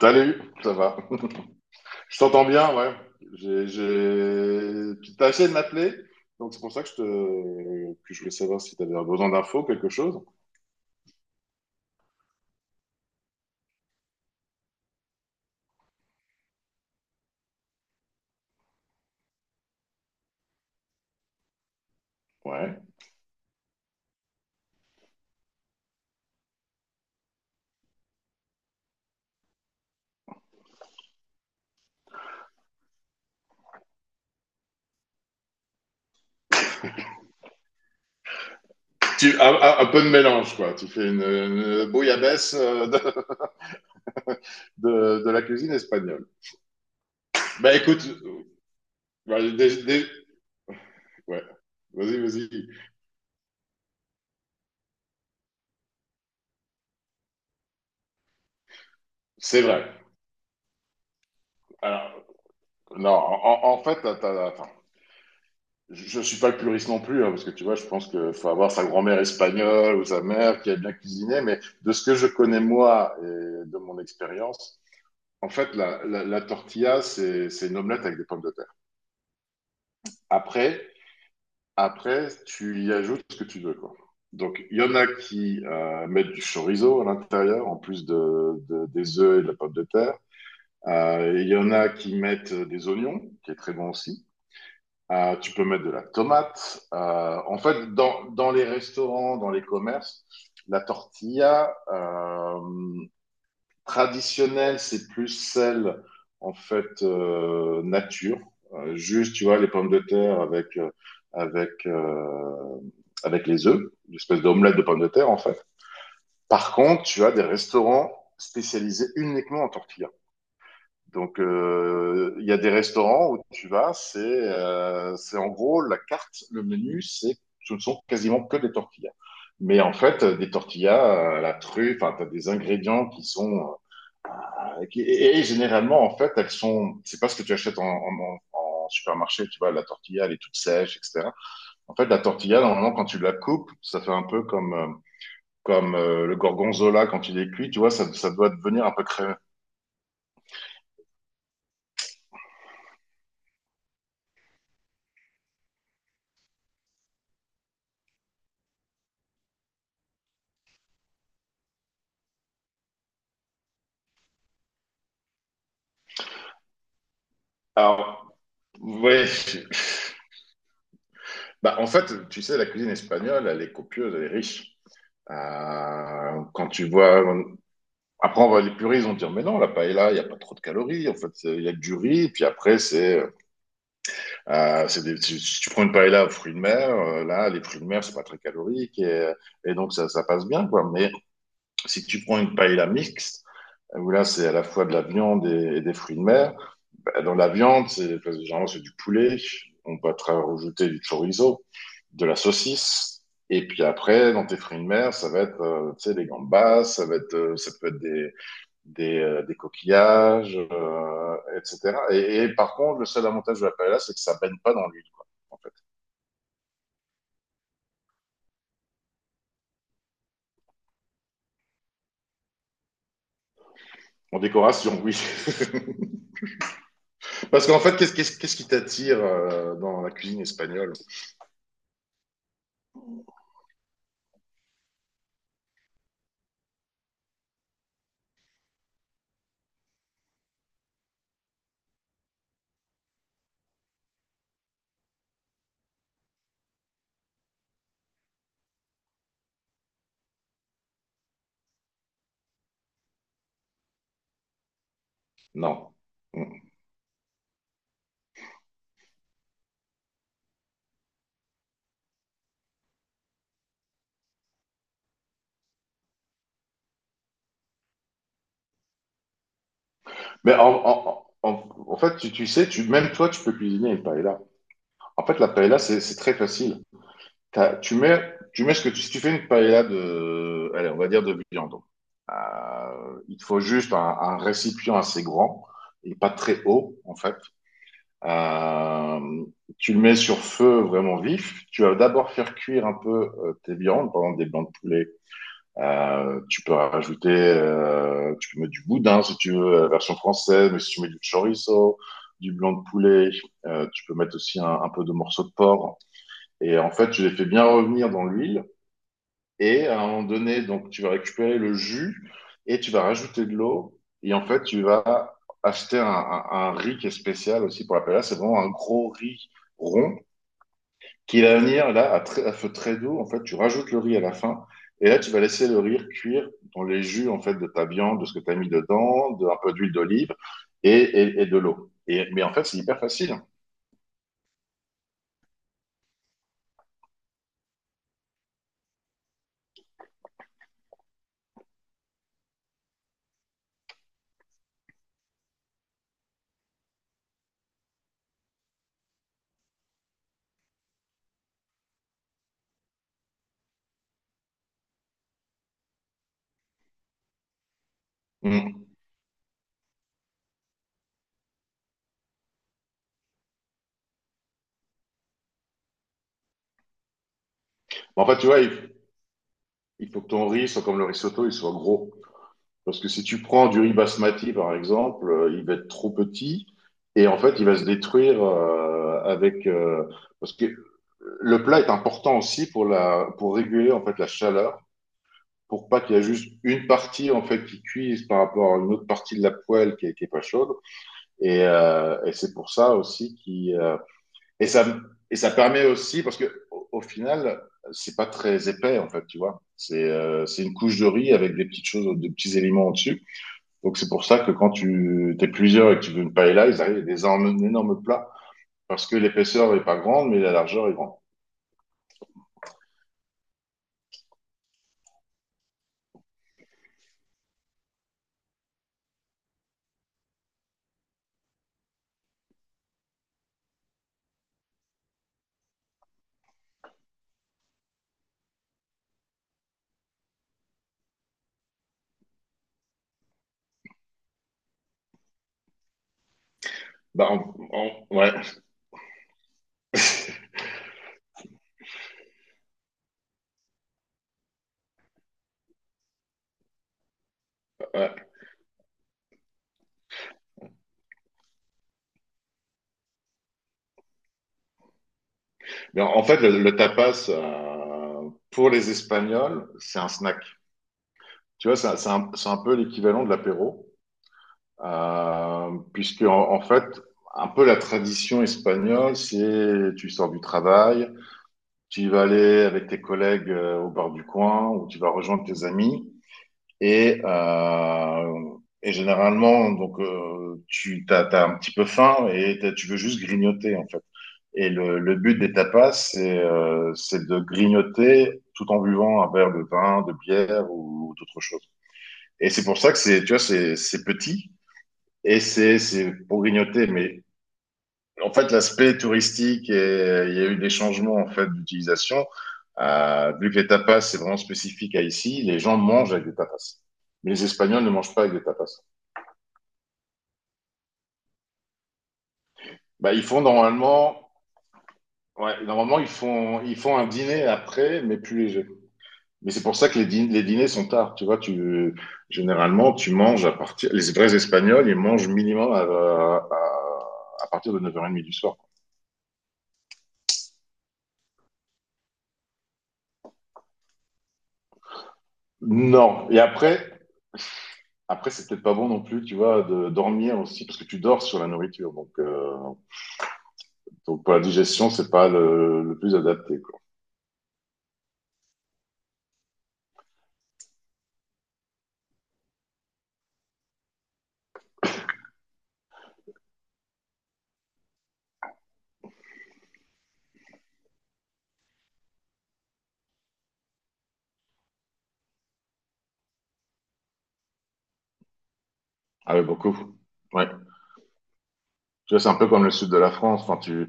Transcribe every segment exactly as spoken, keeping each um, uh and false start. Salut, ça va. Je t'entends bien, ouais. J'ai, j'ai... Tu t'as essayé de m'appeler, donc c'est pour ça que je te... que je voulais savoir si tu avais besoin d'infos, quelque chose. Ouais. Tu... Un, un- un peu de mélange, quoi. Tu fais une, une bouillabaisse euh, de, de, de la cuisine espagnole. Bah écoute, euh, bah, dé- dé- ouais. Vas-y, vas-y. C'est vrai. Alors, non, en, en- en fait, t'as, enfin, je ne suis pas le puriste non plus, hein, parce que tu vois, je pense qu'il faut avoir sa grand-mère espagnole ou sa mère qui a bien cuisiné, mais de ce que je connais moi et de mon expérience, en fait, la, la, la tortilla, c'est c'est une omelette avec des pommes de terre. Après, après, tu y ajoutes ce que tu veux, quoi. Donc, il y en a qui euh, mettent du chorizo à l'intérieur, en plus de, de- des œufs et de la pomme de terre. Euh, Il y en a qui mettent des oignons, qui est très bon aussi. Euh, tu peux mettre de la tomate. Euh, en fait, dans, dans les restaurants, dans les commerces, la tortilla euh, traditionnelle, c'est plus celle en fait, euh, nature. Euh, juste, tu vois, les pommes de terre avec euh, avec euh, avec les œufs, une espèce d'omelette de pommes de terre en fait. Par contre, tu as des restaurants spécialisés uniquement en tortilla. Donc, euh, il y a des restaurants où tu vas, c'est euh, c'est en gros la carte, le menu, c'est ce ne sont quasiment que des tortillas. Mais en fait, euh, des tortillas, euh, la truffe, enfin, t'as des ingrédients qui sont euh, qui- et, et généralement en fait, elles sont. C'est pas ce que tu achètes en, en, en- en supermarché, tu vois. La tortilla, elle est toute sèche, et cetera. En fait, la tortilla, normalement, quand tu la coupes, ça fait un peu comme euh, comme euh, le gorgonzola quand il est cuit, tu vois, ça, ça doit devenir un peu crémeux. Alors, ouais. Bah, en fait, tu sais, la cuisine espagnole, elle est copieuse, elle est riche. Euh, quand tu vois, après, on va, les puristes vont dire, mais non, la paella, il n'y a pas trop de calories. En fait, c'est- il y a que du riz. Puis après, c'est, euh, c'est des- si si tu prends une paella aux fruits de mer, euh, là, les fruits de mer, c'est pas très calorique, et, et donc ça, ça passe bien, quoi. Mais si tu prends une paella mixte, où là, c'est à la fois de la viande et, et des fruits de mer, bah, dans la viande, c'est parce que généralement c'est du poulet. On va te rajouter du chorizo, de la saucisse. Et puis après, dans tes fruits de mer, ça va être, euh, tu sais, les gambas, ça va être, euh, ça peut être des, des, euh, des coquillages, euh, et cetera. Et, et par contre, le seul avantage de la paella, c'est que ça baigne pas dans l'huile, quoi, en fait. En décoration, oui. Parce qu'en fait, qu'est-ce qu'est-ce- qu'est-ce qui t'attire euh, dans la cuisine espagnole? Non. Mm. Mais en, en, en, en fait, tu, tu sais, tu, même toi, tu peux cuisiner une paella. En fait, la paella, c'est c'est très facile. T'as- tu mets, tu mets ce que tu, si tu fais une paella de, allez, on va dire de viande. Euh, il te faut juste un, un récipient assez grand et pas très haut, en fait. Euh, tu le mets sur feu vraiment vif. Tu vas d'abord faire cuire un peu, euh, tes viandes, par exemple des blancs de poulet. Euh, tu peux rajouter, euh, tu peux mettre du boudin si tu veux, la version française, mais si tu mets du chorizo, du blanc de poulet, euh, tu peux mettre aussi un, un peu de morceaux de porc. Et en fait, je l'ai fait bien revenir dans l'huile. Et à un moment donné, donc, tu vas récupérer le jus et tu vas rajouter de l'eau. Et en fait, tu vas acheter un, un- un riz qui est spécial aussi pour la paella. C'est vraiment un gros riz rond qui va venir là à, très- à feu très doux. En fait, tu rajoutes le riz à la fin. Et là, tu vas laisser le riz cuire dans les jus en fait de ta viande, de ce que tu as mis dedans, de, un peu d'huile d'olive et, et- et de l'eau. Et, mais en fait, c'est hyper facile. Mm. En fait, tu vois, il, il faut que ton riz soit comme le risotto, il soit gros. Parce que si tu prends du riz basmati, par exemple, euh, il va être trop petit et en fait, il va se détruire euh, avec... euh, parce que le plat est important aussi pour, la, pour réguler en fait la chaleur, pour pas qu'il y ait juste une partie en fait qui cuise par rapport à une autre partie de la poêle qui est, qui est pas chaude. Et, euh, et c'est pour ça aussi qui... euh, et, ça, et ça permet aussi, parce que au, au final, c'est pas très épais en fait, tu vois. C'est euh, c'est une couche de riz avec des petites choses, des petits éléments au-dessus. Donc c'est pour ça que quand tu es plusieurs et que tu veux une paella, ils arrivent avec des énormes, énormes plats parce que l'épaisseur n'est pas grande, mais la largeur est grande. Bah, en- en- ouais. Ouais. Mais en en fait, le, le tapas, euh, pour les Espagnols, c'est un snack. Tu vois, c'est un, c'est un- c'est un peu l'équivalent de l'apéro, euh, puisque en, en fait, un peu la tradition espagnole, c'est tu sors du travail, tu vas aller avec tes collègues, euh, au bar du coin, ou tu vas rejoindre tes amis. Et, euh, et généralement, donc, euh, tu t'as, t'as un petit peu faim et t'as- tu veux juste grignoter, en fait. Et le, le but des tapas, c'est euh, c'est de grignoter tout en buvant un verre de vin, de bière ou d'autres choses. Et c'est pour ça que c'est, tu vois, c'est c'est petit et c'est c'est pour grignoter, mais en fait, l'aspect touristique, et, euh, il y a eu des changements en fait d'utilisation. Euh, vu que les tapas, c'est vraiment spécifique à ici, les gens mangent avec des tapas. Mais les Espagnols ne mangent pas avec des tapas. Bah, ils font normalement, ouais, normalement ils font, ils font un dîner après, mais plus léger. Mais c'est pour ça que les, dî- les dîners sont tard. Tu vois, tu généralement tu manges à partir. Les vrais Espagnols, ils mangent minimum à, à, à partir de neuf heures trente du soir. Non. Et après, Après, c'est peut-être pas bon non plus, tu vois, de dormir aussi, parce que tu dors sur la nourriture. Donc, euh, donc pour la digestion, c'est pas le, le plus adapté, quoi. Ah oui, beaucoup. Ouais. Tu vois, c'est un peu comme le sud de la France. Enfin, tu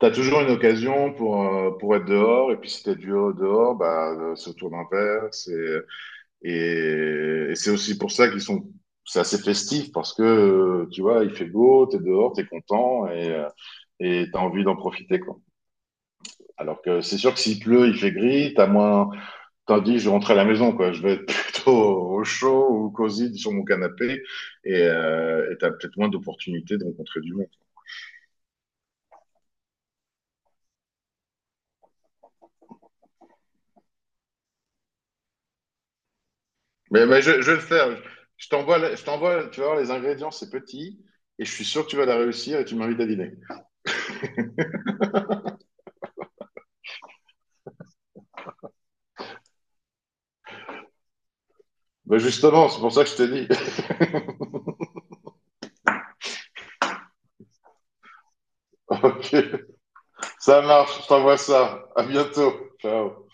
as toujours une occasion pour, euh, pour être dehors. Et puis, si t'es du haut dehors, bah, euh, c'est autour d'un verre. C'est, et, et c'est aussi pour ça qu'ils sont, c'est assez festif parce que, euh, tu vois, il fait beau, t'es dehors, t'es content et, euh, et t'as envie d'en profiter, quoi. Alors que c'est sûr que s'il pleut, il fait gris, t'as moins, tandis que je rentre à la maison, quoi. Je vais être plutôt au chaud ou cosy sur mon canapé et euh, et t'as peut-être moins d'opportunités de rencontrer du monde. Mais, mais je, je vais le faire. Je t'envoie, la- je t'envoie, tu vas voir, les ingrédients, c'est petit et je suis sûr que tu vas la réussir et tu m'invites à dîner. Bah justement, c'est pour ça que je t'ai dit. Ok, ça marche, je t'envoie ça. À bientôt. Ciao.